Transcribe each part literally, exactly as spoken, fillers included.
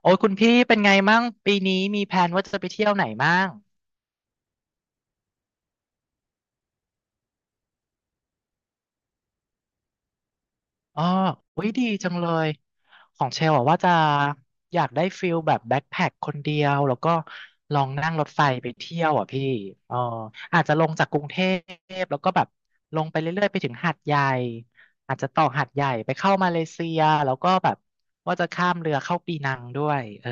โอ้ยคุณพี่เป็นไงมั่งปีนี้มีแผนว่าจะไปเที่ยวไหนมั่งอ๋ออุ้ยดีจังเลยของเชลอะว่าจะอยากได้ฟิลแบบแบ็คแพ็คคนเดียวแล้วก็ลองนั่งรถไฟไปเที่ยวอ่ะพี่เอออาจจะลงจากกรุงเทพแล้วก็แบบลงไปเรื่อยๆไปถึงหาดใหญ่อาจจะต่อหาดใหญ่ไปเข้ามาเลเซียแล้วก็แบบว่าจะข้ามเรือเข้าปีนังด้วยเออ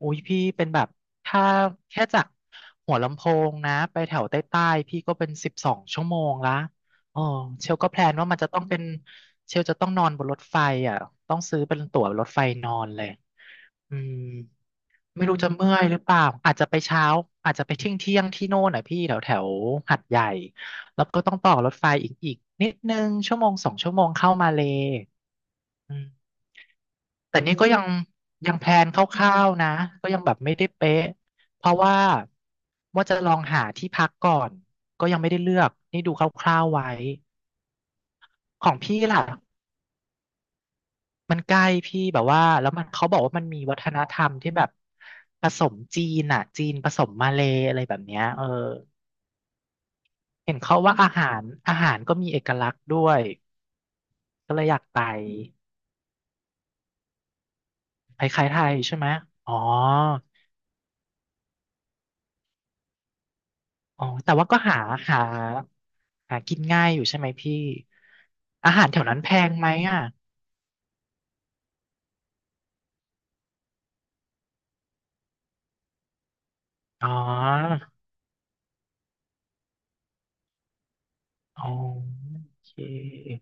อุ้ยพี่เป็นแบบถ้าแค่จากหัวลำโพงนะไปแถวใต้ๆพี่ก็เป็นสิบสองชั่วโมงละอ๋อเชลก็แพลนว่ามันจะต้องเป็นเชลจะต้องนอนบนรถไฟอ่ะต้องซื้อเป็นตั๋วรถไฟนอนเลยอืมไม่รู้จะเมื่อยหรือเปล่าอาจจะไปเช้าอาจจะไปเที่ยงเที่ยงที่โน่นอ่ะพี่แถวแถวหัดใหญ่แล้วก็ต้องต่อรถไฟอีกอีกนิดนึงชั่วโมงสองชั่วโมงเข้ามาเลย์อืม แต่นี่ก็ยังยังแพลนคร่าวๆนะก็ยังแบบไม่ได้เป๊ะเพราะว่าว่าจะลองหาที่พักก่อนก็ยังไม่ได้เลือกนี่ดูคร่าวๆไว้ของพี่ล่ะมันใกล้พี่แบบว่าแล้วมันเขาบอกว่ามันมีวัฒนธรรมที่แบบผสมจีนอ่ะจีนผสมมาเลย์อะไรแบบเนี้ยเออเห็นเขาว่าอาหารอาหารก็มีเอกลักษณ์ด้วยก็เลยอยากไปคล้ายๆไทยใช่ไหมอ๋อ อ๋อแต่ว่าก็หาหาหากินง่ายอยู่ใช่ไหมพี่อาหารแถวนั้นแพงไหมอ่ะอ๋ออ๋อโอเค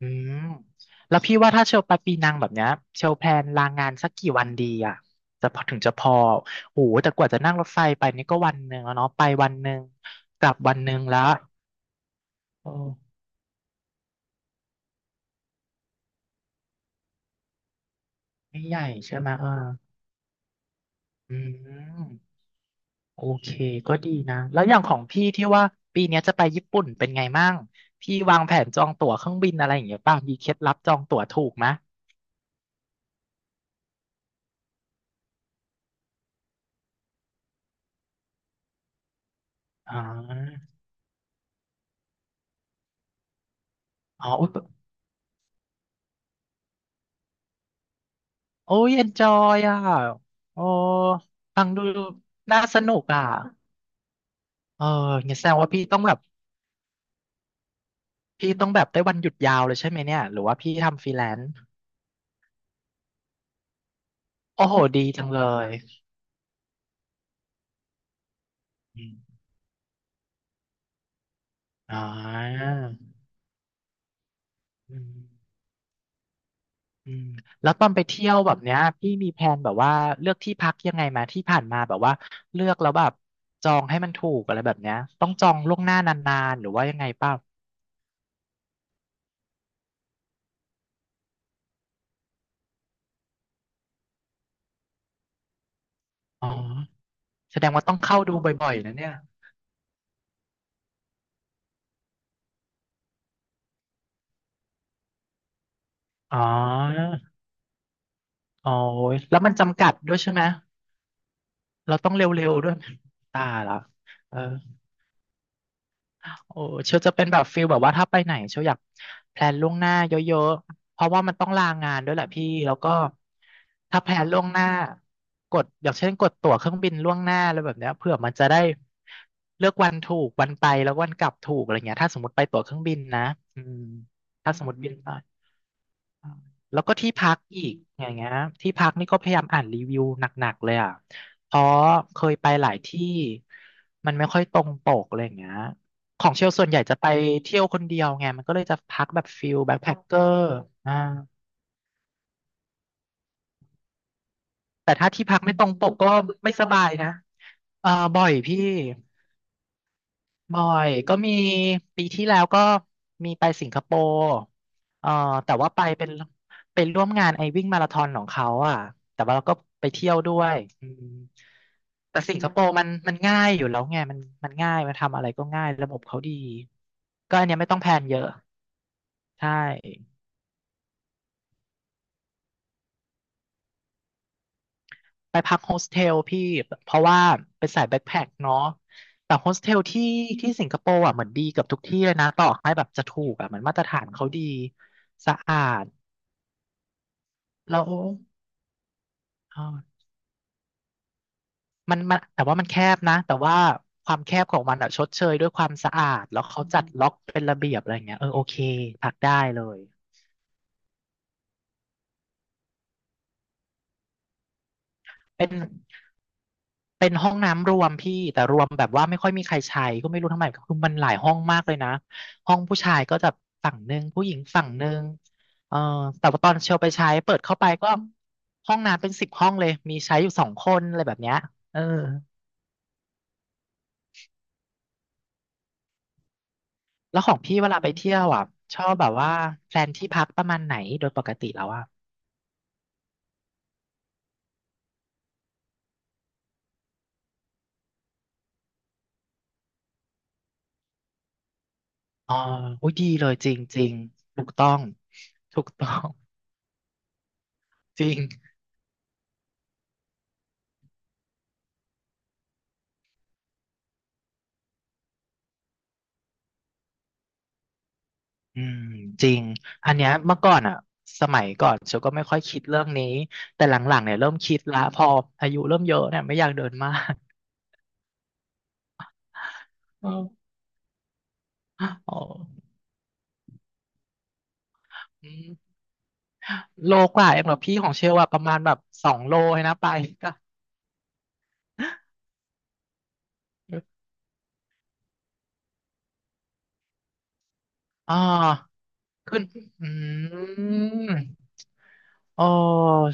อืมแล้วพี่ว่าถ้าเชลไปปีนังแบบเนี้ยเชลแพลนลางานสักกี่วันดีอ่ะจะพอถึงจะพอโอ้โหแต่กว่าจะนั่งรถไฟไปนี่ก็วันหนึ่งแล้วเนาะไปวันหนึ่งกลับวันหนึ่งแล้วโอ้ไม่ใหญ่ใช่ไหมเอออืม โอเคก็ดีนะแล้วอย่างของพี่ที่ว่าปีเนี้ยจะไปญี่ปุ่นเป็นไงมั่งพี่วางแผนจองตั๋วเครื่องบินอะไรอย่างเงี้ยป่ะมีเคล็ดลับจองตั๋วถูกไหมอ๋ออ๋ออุ๊ยโอ้ยเอนจอยอ่ะโอ้ฟังดูน่าสนุกอ่ะเออเนี่ยแสดงว่าพี่ต้องแบบพี่ต้องแบบได้วันหยุดยาวเลยใช่ไหมเนี่ยหรือว่าพี่ทำฟรีแลนซ์โอ้โหดีจังเลยอมอ๋ออืม อืมแล้วตอนไปเที่ยวแบบเนี้ยพี่มีแผนแบบว่าเลือกที่พักยังไงมาที่ผ่านมาแบบว่าเลือกแล้วแบบจองให้มันถูกอะไรแบบเนี้ยต้องจองล่วงหน้านานๆหรือว่ายังไงเปล่าอ๋อแสดงว่าต้องเข้าดูบ่อยๆนะเนี่ยอ๋ออ๋อแล้วมันจำกัดด้วยใช่ไหมเราต้องเร็วๆด้วยตายละเออ โอ้เชียวจะเป็นแบบฟิลแบบว่าถ้าไปไหนเชีอยากแพลนล่วงหน้าเยอะๆเพราะว่ามันต้องลางานด้วยแหละพี่แล้วก็ถ้าแพลนล่วงหน้ากดอย่างเช่นกดตั๋วเครื่องบินล่วงหน้าอะไรแบบเนี้ยเผื่อมันจะได้เลือกวันถูกวันไปแล้ววันกลับถูกอะไรเงี้ยถ้าสมมติไปตั๋วเครื่องบินนะอืมถ้าสมมติบินไป อ่าแล้วก็ที่พักอีกอย่างเงี้ยที่พักนี่ก็พยายามอ่านรีวิวหนักๆเลยอ่ะเพราะเคยไปหลายที่มันไม่ค่อยตรงปกอะไรอย่างเงี้ยของเชลส่วนใหญ่จะไปเที่ยวคนเดียวไงมันก็เลยจะพักแบบฟิลแบ็คแพ็คเกอร์อ่าแต่ถ้าที่พักไม่ตรงปกก็ไม่สบายนะเออบ่อยพี่ บ่อยก็มีปีที่แล้วก็มีไปสิงคโปร์เอ่อแต่ว่าไปเป็นเป็นร่วมงานไอวิ่งมาราธอนของเขาอ่ะแต่ว่าเราก็ไปเที่ยวด้วยอืมแต่สิงคโปร์มันมันง่ายอยู่แล้วไงมันมันง่ายมันทำอะไรก็ง่ายระบบเขาดีก็อันเนี้ยไม่ต้องแพลนเยอะใช่ไปพักโฮสเทลพี่เพราะว่าเป็นสายแบ็คแพ็คเนาะแต่โฮสเทลที่ที่สิงคโปร์อ่ะเหมือนดีเกับทุกที่เลยนะต่อให้แบบจะถูกอ่ะเหมือนมาตรฐานเขาดีสะอาด แล้วเอ่ามันมันแต่ว่ามันแคบนะแต่ว่าความแคบของมันอะชดเชยด้วยความสะอาดแล้วเขาจัดล็อกเป็นระเบียบอะไรเงี้ยเออโอเคพักได้เลยเป็นเป็นห้องน้ำรวมพี่ แต่รวมแบบว่าไม่ค่อยมีใครใช้ก็ไม่รู้ทำไมคือมันหลายห้องมากเลยนะห้องผู้ชายก็จะฝั่งหนึ่งผู้หญิงฝั่งหนึ่งเออแต่ว่าตอนเชลไปใช้เปิดเข้าไปก็ห้องน้ำเป็นสิบห้องเลยมีใช้อยู่สองคนอะไรแบบเนี้ยเออ แล้วของพี่เวลาไปเที่ยวอ่ะชอบแบบว่าแพลนที่พักประมาณไหนโดยปกติแล้วอ่ะอ๋ออุ้ยดีเลยจริงจริงถูกต้องถูกต้อง จริงอืมจริงอันเนี้ยเมื่อก่อนอ่ะสมัยก่อนฉันก็ไม่ค่อยคิดเรื่องนี้แต่หลังๆเนี่ยเริ่มคิดละพออายุเริ่มเยอะเนี่ยไม่อยากเดินมากเออ อ๋ออืมโลกว่าเองเหรอพี่ของเชลว่าประมาณแบบสองโลเลยนะไปก็ อ๋อขึ้นอืมโอ้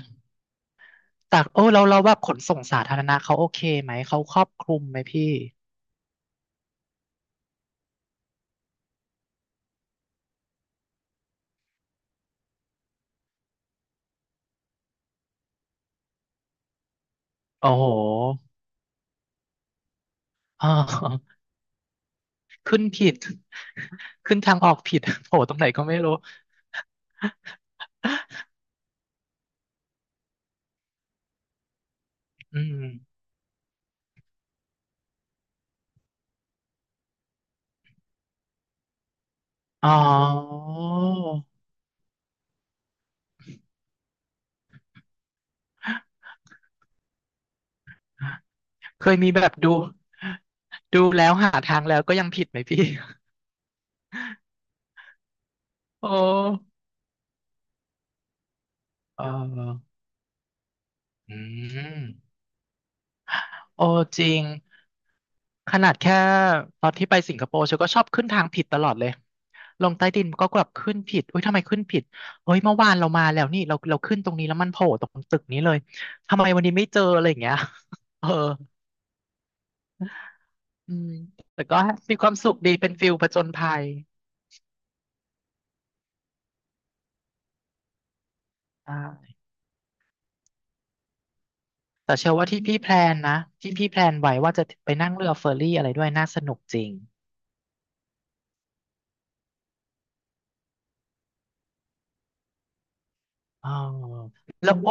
ตากโอ้เราเราว่าขนส่งสาธารณะเขาโอเคไหมเขาครอบคลุมไหมพี่โอ้โหอ๋อ ขึ้นผิดขึ้นทางออกผิด โผล่ตรงไหนก็ไม่รู้อืมอ๋อเคยมีแบบดูดูแล้วหาทางแล้วก็ยังผิดไหมพี่โอ้เอออืม โอ้จริงขนาดแค่ตอนที่ไปสิงคโปร์ฉันก็ชอบขึ้นทางผิดตลอดเลยลงใต้ดินก็แบบขึ้นผิดอุ้ยทำไมขึ้นผิดเฮ้ยเมื่อวานเรามาแล้วนี่เราเราขึ้นตรงนี้แล้วมันโผล่ตรงตึกนี้เลยทำไมวันนี้ไม่เจออะไรอย่างเงี้ย เอออืมแต่ก็มีความสุขดีเป็นฟิลผจญภัยอ่าแต่เชื่อว่าที่พี่แพลนนะที่พี่แพลนไว้ว่าจะไปนั่งเรือเฟอร์รี่อะไรด้วยน่าสนุกจริงอ๋อแล้วโอ้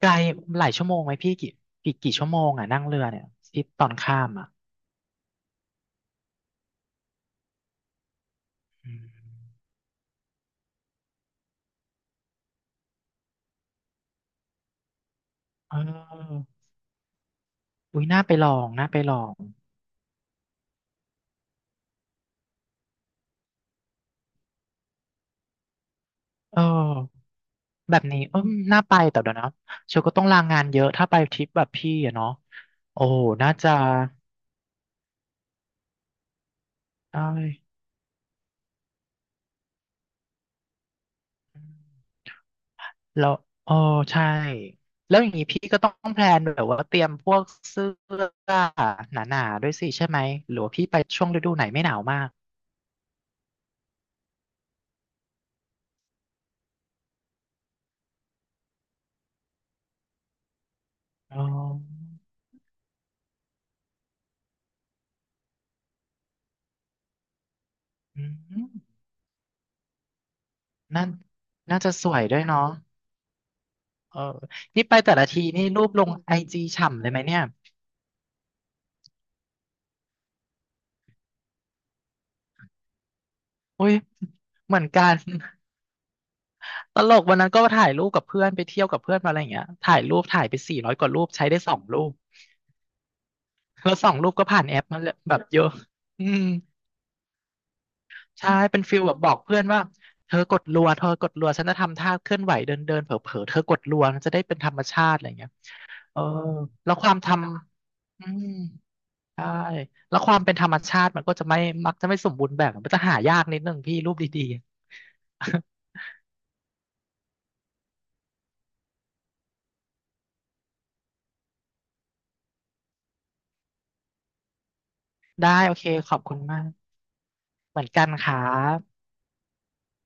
ไกลหลายชั่วโมงไหมพี่กี่กี่กี่ชั่วโมงอ่ะนั่งเรือเนี่ยที่ตอนข้ามอ่ะอืมเอออุ้ยน่าไปลองน่าไปลองเออแบบนี้เออน่าไปแต่เดี๋ยวนะเชลก็ต้องลางานเยอะถ้าไปทริปแบบพี่อะเนาะโอ้น่าจะอ้แล้วเออใช่แล้วอย่างนี้พี่ก็ต้องแพลนแบบว่าเตรียมพวกเสื้อหนาๆด้วยสิใช่ไหมหรือว่าพี่ไปช่วงฤดูไหนไม่หนาวมากอ๋ออืม นั่นน่าจะสวยด้วยเนาะเออนี่ไปแต่ละทีนี่รูปลงไอจีฉ่ำเลยไหมเนี่ยอุ้ยเหมือนกัน ตลกวันนั้นก็ถ่ายรูปกับเพื่อนไปเที่ยวกับเพื่อนมาอะไรอย่างเงี้ยถ่ายรูปถ่ายไปสี่ร้อยกว่ารูปใช้ได้สองรูปแล้วสองรูปก็ผ่านแอปมาเลยแบบเยอะอืมใช่เป็นฟิลแบบบอกเพื่อนว่าเธอกดรัวเธอกดรัวฉันจะทำท่าเคลื่อนไหวเดินเดินเผลอเผลอๆเธอกดรัวมันจะได้เป็นธรรมชาติอะไรอย่างเงี้ยเออแล้วความทำอืม ใช่แล้วความเป็นธรรมชาติมันก็จะไม่มักจะไม่สมบูรณ์แบบมันจะหายากนิดนึงพี่รูปดีๆ ได้โอเคขอบคุณมากเหมือนกันครับ